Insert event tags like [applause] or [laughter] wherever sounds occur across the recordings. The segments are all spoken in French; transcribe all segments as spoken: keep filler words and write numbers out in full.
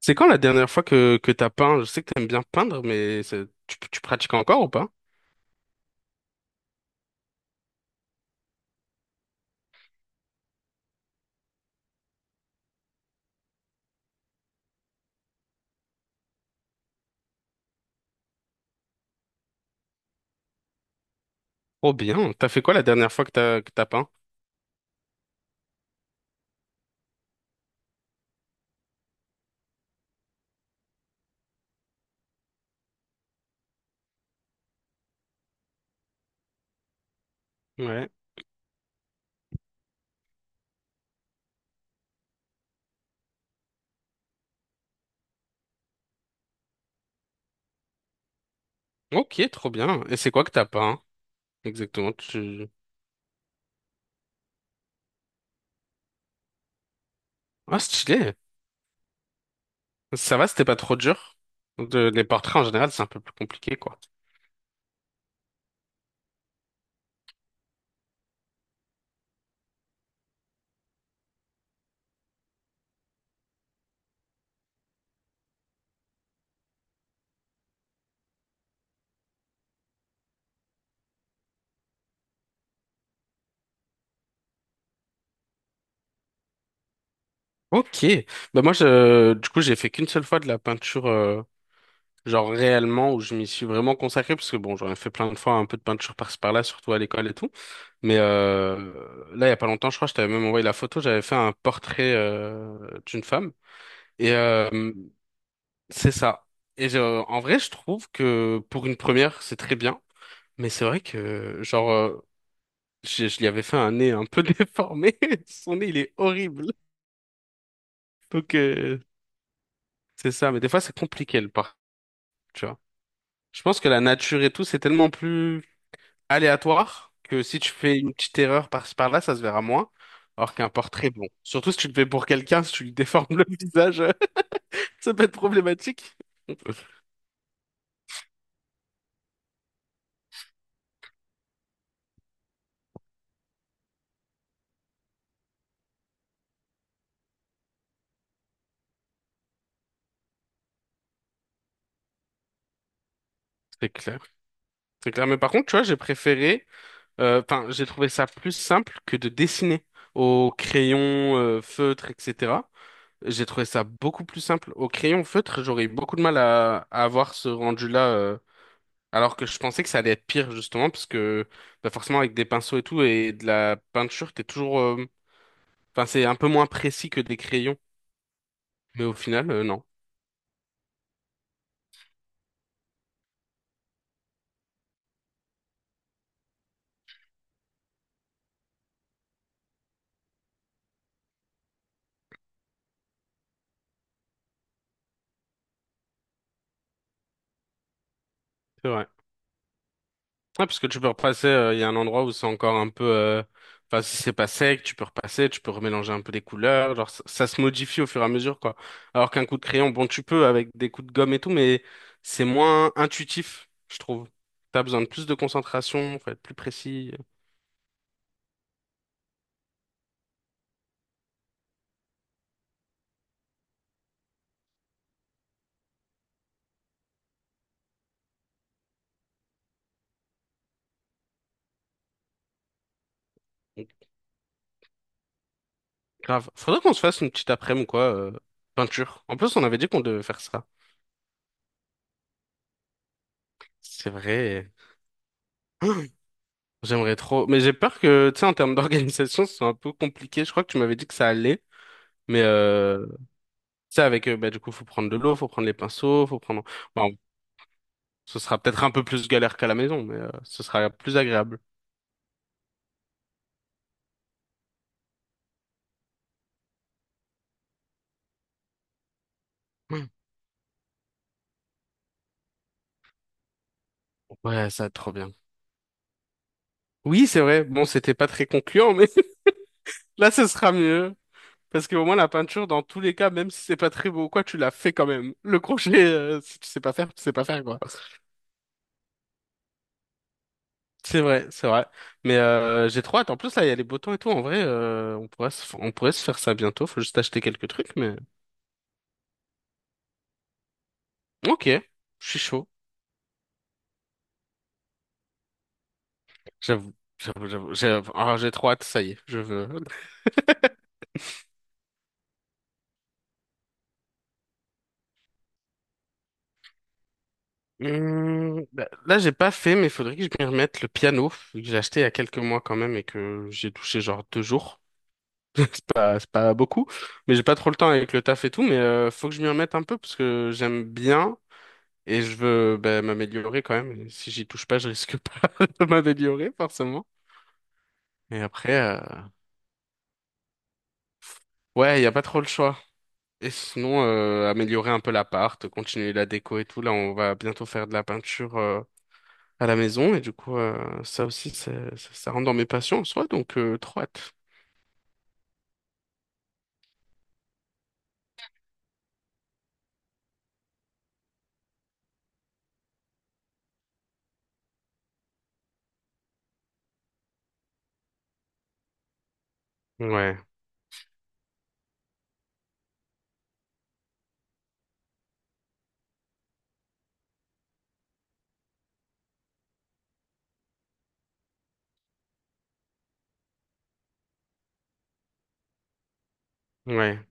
C'est quand la dernière fois que, que t'as peint? Je sais que t'aimes bien peindre, mais c'est- tu, tu pratiques encore ou pas? Oh bien. T'as fait quoi la dernière fois que t'as que t'as peint? Ouais. Ok, trop bien. Et c'est quoi que t'as peint? Exactement. Tu... Ah, stylé. Ça va, c'était pas trop dur. De, les portraits en général, c'est un peu plus compliqué, quoi. Ok. Bah moi, je, du coup, j'ai fait qu'une seule fois de la peinture, euh, genre réellement, où je m'y suis vraiment consacré, parce que bon, j'en ai fait plein de fois un peu de peinture par-ci par-là, surtout à l'école et tout. Mais euh, là, il y a pas longtemps, je crois, je t'avais même envoyé la photo. J'avais fait un portrait euh, d'une femme. Et euh, c'est ça. Et je- en vrai, je trouve que pour une première, c'est très bien. Mais c'est vrai que, genre, euh, je, je lui avais fait un nez un peu [laughs] déformé. Son nez, il est horrible. Donc, euh, c'est ça. Mais des fois, c'est compliqué, le portrait, tu vois. Je pense que la nature et tout, c'est tellement plus aléatoire que si tu fais une petite erreur par-ci par-là, ça se verra moins. Alors qu'un portrait, bon. Surtout si tu le fais pour quelqu'un, si tu lui déformes le [laughs] visage, [laughs] ça peut être problématique. C'est clair. C'est clair. Mais par contre, tu vois, j'ai préféré, euh, enfin, j'ai trouvé ça plus simple que de dessiner au crayon, euh, feutre, et cetera. J'ai trouvé ça beaucoup plus simple. Au crayon feutre, j'aurais eu beaucoup de mal à, à avoir ce rendu-là, euh, alors que je pensais que ça allait être pire, justement, parce que bah, forcément, avec des pinceaux et tout, et de la peinture, t'es toujours, euh, enfin, c'est un peu moins précis que des crayons, mais au final, euh, non, c'est vrai. Ouais, parce que tu peux repasser, euh, il y a un endroit où c'est encore un peu, euh, enfin, si c'est pas sec, tu peux repasser, tu peux remélanger un peu les couleurs, genre ça, ça se modifie au fur et à mesure, quoi. Alors qu'un coup de crayon, bon, tu peux avec des coups de gomme et tout, mais c'est moins intuitif, je trouve. T'as besoin de plus de concentration, faut être plus précis. Donc, Grave. Faudrait qu'on se fasse une petite après-midi ou quoi, euh, peinture. En plus, on avait dit qu'on devait faire ça. C'est vrai. [gasps] J'aimerais trop. Mais j'ai peur que, tu sais, en termes [laughs] d'organisation, ce soit un peu compliqué. Je crois que tu m'avais dit que ça allait. Mais, euh, tu sais, avec, euh, bah, du coup, faut prendre de l'eau, faut prendre les pinceaux, faut prendre. Bon, ce sera peut-être un peu plus galère qu'à la maison, mais euh, ce sera plus agréable. Ouais, ça va être trop bien. Oui, c'est vrai. Bon, c'était pas très concluant, mais [laughs] là, ce sera mieux. Parce que au moins, la peinture, dans tous les cas, même si c'est pas très beau, ou quoi, tu l'as fait quand même. Le crochet, euh, si tu sais pas faire, tu sais pas faire, quoi. C'est vrai, c'est vrai. Mais euh, j'ai trop hâte. En plus, là, il y a les beaux temps et tout. En vrai, euh, on pourrait se, on pourrait se faire ça bientôt. Faut juste acheter quelques trucs, mais... Ok, je suis chaud. J'avoue, j'avoue, j'avoue. J'ai ah, j'ai trop hâte, ça y est, je veux. Hum, bah, là, j'ai pas fait, mais il faudrait que je m'y remette. Le piano, que j'ai acheté il y a quelques mois quand même et que j'ai touché genre deux jours. [laughs] C'est pas, c'est pas beaucoup, mais j'ai pas trop le temps avec le taf et tout. Mais euh, faut que je m'y remette un peu parce que j'aime bien. Et je veux ben, m'améliorer quand même. Et si j'y touche pas, je risque [laughs] pas de m'améliorer forcément. Et après, euh, ouais, il y a pas trop le choix. Et sinon, euh, améliorer un peu l'appart, continuer la déco et tout. Là, on va bientôt faire de la peinture euh, à la maison. Et du coup, euh, ça aussi, ça, ça, ça rentre dans mes passions en soi. Donc, euh, trop hâte. Ouais, ouais,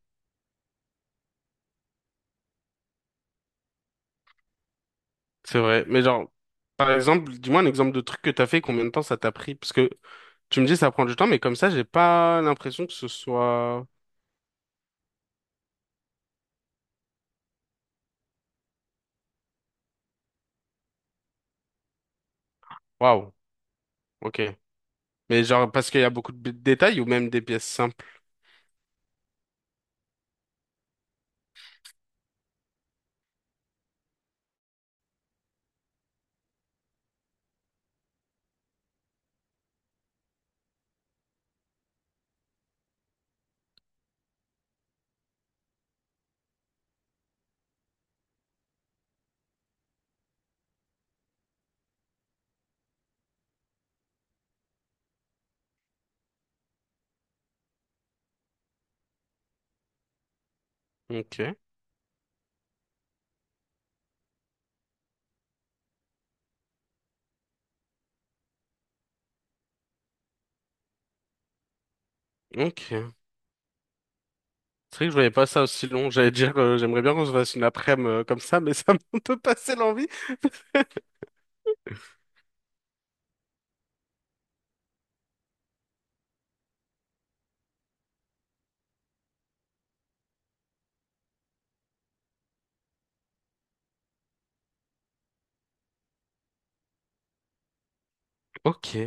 c'est vrai. Mais genre, par exemple, dis-moi un exemple de truc que t'as fait, combien de temps ça t'a pris? Parce que tu me dis ça prend du temps, mais comme ça, j'ai pas l'impression que ce soit... Waouh, ok. Mais genre, parce qu'il y a beaucoup de b- détails ou même des pièces simples. Ok. Ok. C'est vrai que je voyais pas ça aussi long. J'allais dire, euh, j'aimerais bien qu'on se fasse une après-midi euh, comme ça, mais [laughs] ça m'a un peu passé l'envie. Ok.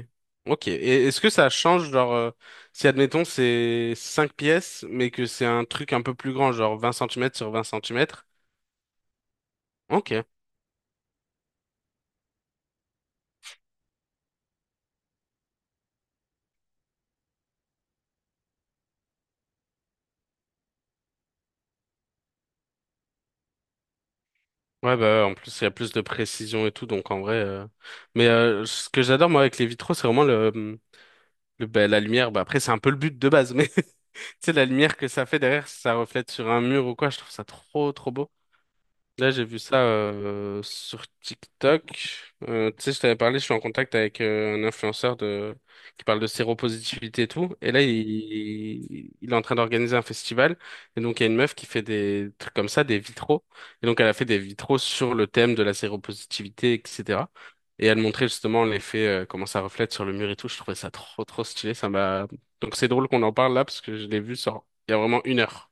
Ok. Et est-ce que ça change, genre, euh, si admettons c'est cinq pièces, mais que c'est un truc un peu plus grand, genre vingt centimètres sur vingt centimètres. Ok. Ouais, bah, en plus, il y a plus de précision et tout, donc en vrai. euh, Mais euh, ce que j'adore, moi, avec les vitraux, c'est vraiment le, le, bah, la lumière. Bah, après, c'est un peu le but de base, [laughs] mais sais, la lumière que ça fait derrière, ça reflète sur un mur ou quoi, je trouve ça trop, trop beau. Là, j'ai vu ça euh, sur TikTok. Euh, tu sais, je t'avais parlé, je suis en contact avec euh, un influenceur de... qui parle de séropositivité et tout. Et là, il, il est en train d'organiser un festival. Et donc, il y a une meuf qui fait des trucs comme ça, des vitraux. Et donc, elle a fait des vitraux sur le thème de la séropositivité, et cetera. Et elle montrait justement l'effet, euh, comment ça reflète sur le mur et tout. Je trouvais ça trop, trop stylé. Ça m'a... Donc, c'est drôle qu'on en parle là, parce que je l'ai vu sur... il y a vraiment une heure.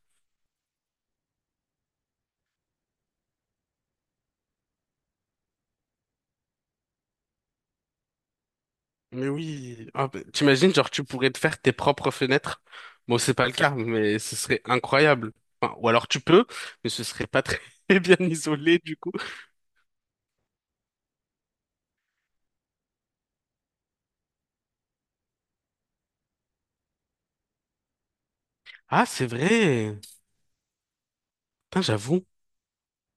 Mais oui, ah, bah, t'imagines, genre tu pourrais te faire tes propres fenêtres. Bon, c'est pas le cas, mais ce serait incroyable. Enfin, ou alors tu peux, mais ce serait pas très [laughs] bien isolé du coup. Ah, c'est vrai. Putain, j'avoue.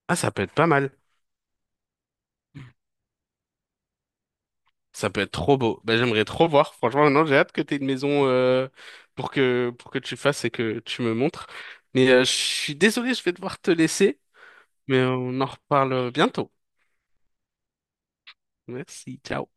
Ah, ça peut être pas mal. Ça peut être trop beau. Bah, j'aimerais trop voir. Franchement, maintenant, j'ai hâte que t'aies une maison euh, pour que pour que tu fasses et que tu me montres. Mais euh, je suis désolé, je vais devoir te laisser, mais on en reparle bientôt. Merci, ciao.